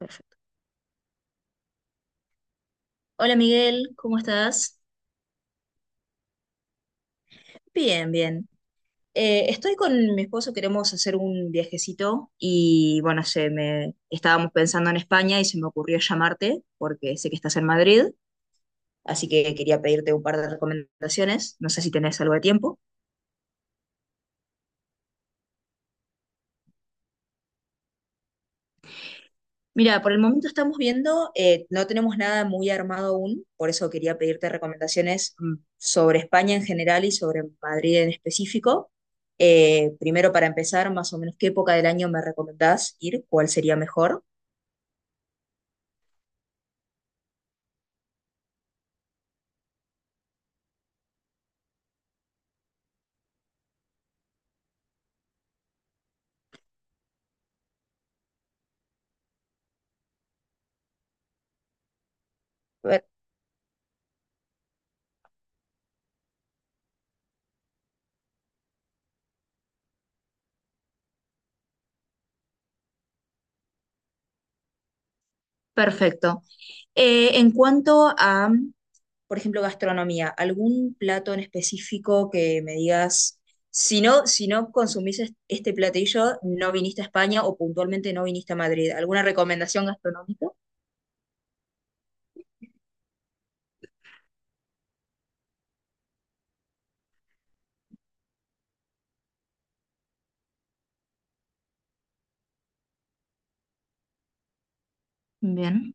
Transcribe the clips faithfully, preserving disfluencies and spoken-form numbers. Perfecto. Hola Miguel, ¿cómo estás? Bien, bien. Eh, estoy con mi esposo, queremos hacer un viajecito y bueno, se me estábamos pensando en España y se me ocurrió llamarte porque sé que estás en Madrid, así que quería pedirte un par de recomendaciones. No sé si tenés algo de tiempo. Mira, por el momento estamos viendo, eh, no tenemos nada muy armado aún, por eso quería pedirte recomendaciones mm, sobre España en general y sobre Madrid en específico. Eh, primero, para empezar, más o menos, ¿qué época del año me recomendás ir? ¿Cuál sería mejor? Per- Perfecto. Eh, en cuanto a, por ejemplo, gastronomía, ¿algún plato en específico que me digas, si no, si no consumís es- este platillo, no viniste a España o puntualmente no viniste a Madrid? ¿Alguna recomendación gastronómica? Bien,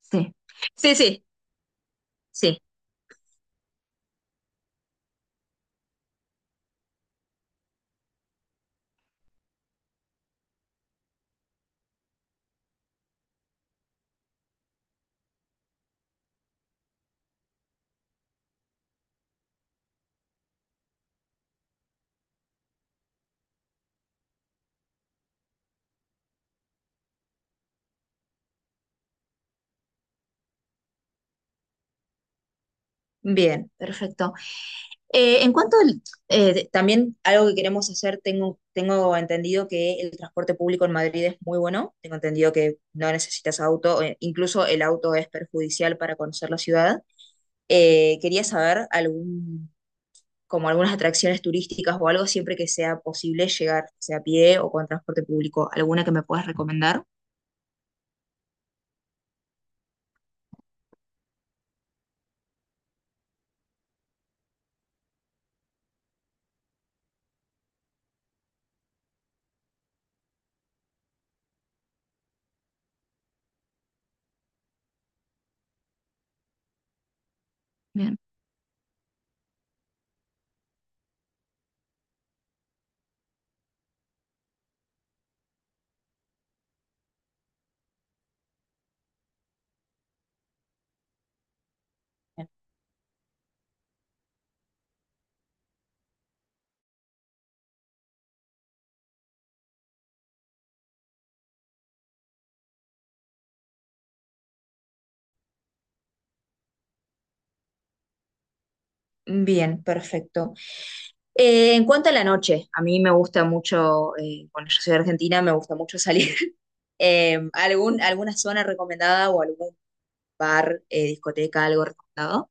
sí, sí, sí, sí, bien, perfecto. Eh, en cuanto al, eh, de- también algo que queremos hacer, tengo, tengo entendido que el transporte público en Madrid es muy bueno, tengo entendido que no necesitas auto, eh, incluso el auto es perjudicial para conocer la ciudad. Eh, quería saber algún, como algunas atracciones turísticas o algo, siempre que sea posible llegar, sea a pie o con transporte público, ¿alguna que me puedas recomendar? Bien, perfecto. Eh, en cuanto a la noche, a mí me gusta mucho, eh, bueno, yo soy de Argentina, me gusta mucho salir. Eh, ¿algún, Alguna zona recomendada o algún bar, eh, discoteca, algo recomendado?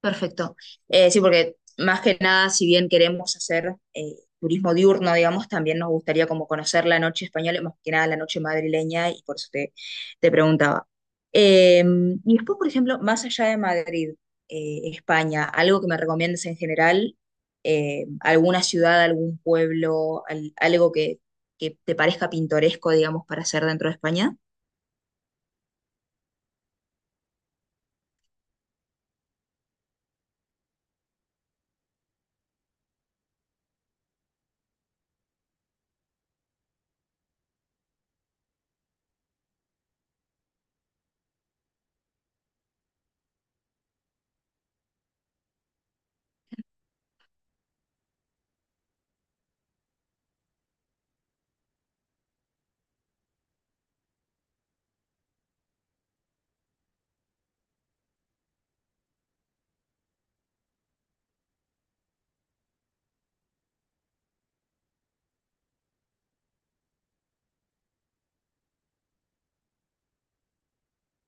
Perfecto. Eh, sí, porque más que nada, si bien queremos hacer eh, turismo diurno, digamos, también nos gustaría como conocer la noche española, más que nada la noche madrileña, y por eso te, te preguntaba. Eh, y después, por ejemplo, más allá de Madrid, eh, España, algo que me recomiendes en general, eh, alguna ciudad, algún pueblo, al- algo que, que te parezca pintoresco, digamos, para hacer dentro de España.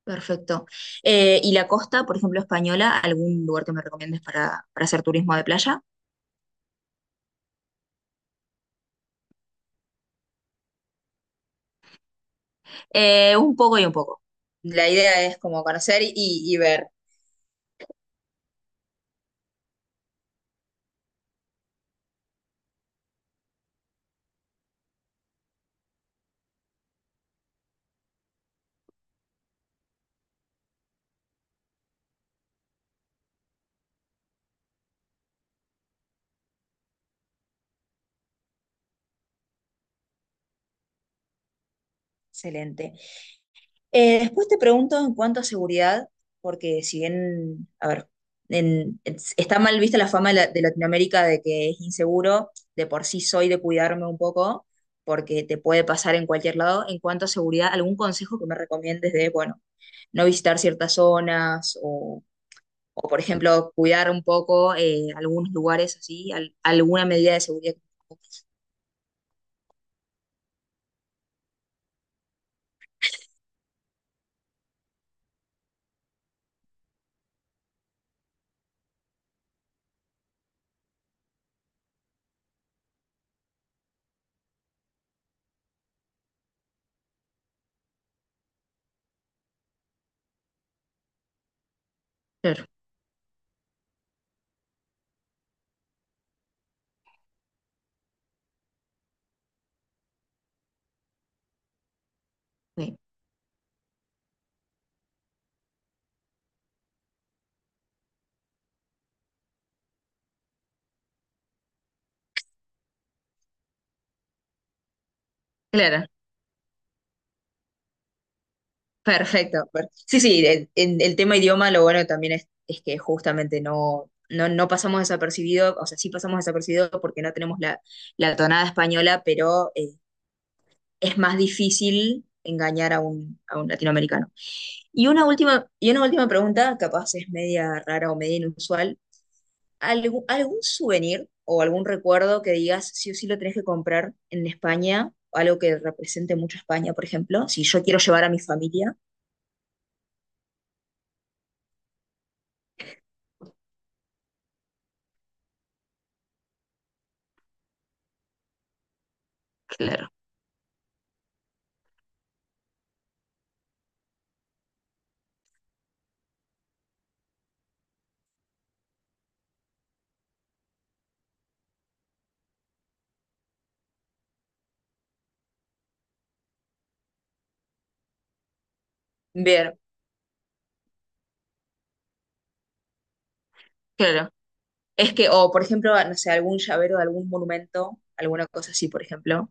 Perfecto. Eh, ¿y la costa, por ejemplo, española, algún lugar que me recomiendes para, para hacer turismo de playa? Eh, un poco y un poco. La idea es como conocer y, y ver. Excelente. Eh, después te pregunto en cuanto a seguridad, porque si bien, a ver, en- es- está mal vista la fama de, la- de Latinoamérica de que es inseguro, de por sí soy de cuidarme un poco, porque te puede pasar en cualquier lado. En cuanto a seguridad, ¿algún consejo que me recomiendes de, bueno, no visitar ciertas zonas o por ejemplo, cuidar un poco eh, algunos lugares así, al- alguna medida de seguridad? Claro, sí, claro, perfecto. per- Sí, sí, el, en el tema idioma lo bueno también es, es que justamente no, no, no pasamos desapercibido, o sea, sí pasamos desapercibido porque no tenemos la, la tonada española, pero eh, es más difícil engañar a un, a un latinoamericano. Y una última, y una última pregunta, capaz es media rara o media inusual. ¿Algú- ¿Algún souvenir o algún recuerdo que digas sí o sí lo tenés que comprar en España? Algo que represente mucho a España, por ejemplo. Si yo quiero llevar a mi familia. Claro, bien claro. Es que, o por ejemplo, no sé, algún llavero de algún monumento, alguna cosa así, por ejemplo.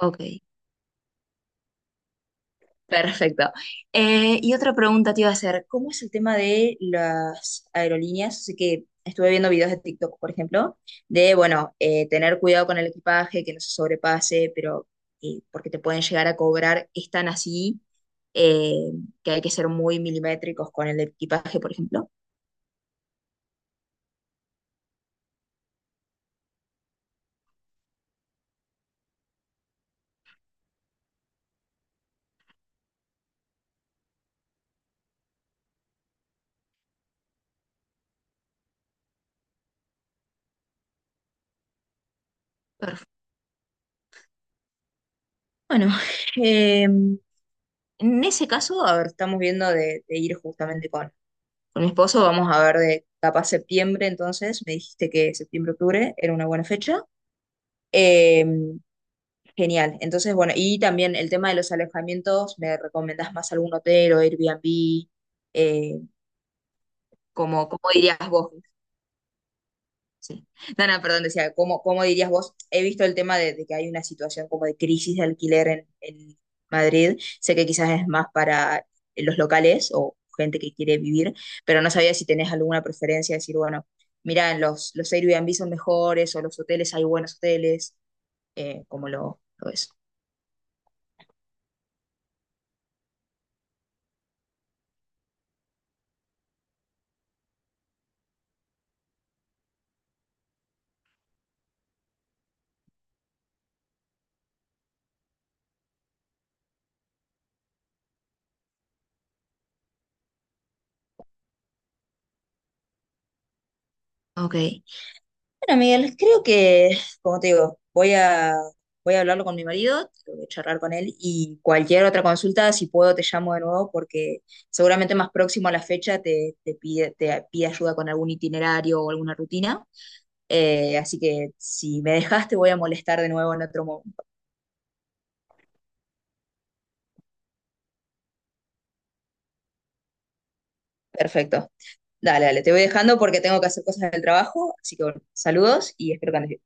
Ok. Perfecto. Eh, y otra pregunta te iba a hacer, ¿cómo es el tema de las aerolíneas? Sé que estuve viendo videos de TikTok, por ejemplo, de, bueno, eh, tener cuidado con el equipaje, que no se sobrepase, pero eh, porque te pueden llegar a cobrar, es tan así eh, que hay que ser muy milimétricos con el equipaje, por ejemplo. Perfecto. Bueno, eh, en ese caso, a ver, estamos viendo de, de ir justamente con con mi esposo, vamos a ver de capaz septiembre, entonces, me dijiste que septiembre, octubre era una buena fecha. Eh, Genial, entonces, bueno, y también el tema de los alojamientos, ¿me recomendás más algún hotel o Airbnb? Eh, ¿cómo, Cómo dirías vos? Sí. No, no, perdón, decía, ¿cómo, cómo dirías vos? He visto el tema de, de que hay una situación como de crisis de alquiler en, en Madrid. Sé que quizás es más para los locales o gente que quiere vivir, pero no sabía si tenés alguna preferencia, decir, bueno, mira, los, los Airbnb son mejores o los hoteles, hay buenos hoteles, eh, como lo, lo es. Ok. Bueno, Miguel, creo que, como te digo, voy a, voy a hablarlo con mi marido, tengo que charlar con él y cualquier otra consulta, si puedo, te llamo de nuevo porque seguramente más próximo a la fecha te, te pide, te pide ayuda con algún itinerario o alguna rutina. Eh, así que si me dejas, te voy a molestar de nuevo en otro momento. Perfecto. Dale, dale, te voy dejando porque tengo que hacer cosas del trabajo. Así que bueno, saludos y espero que andes bien.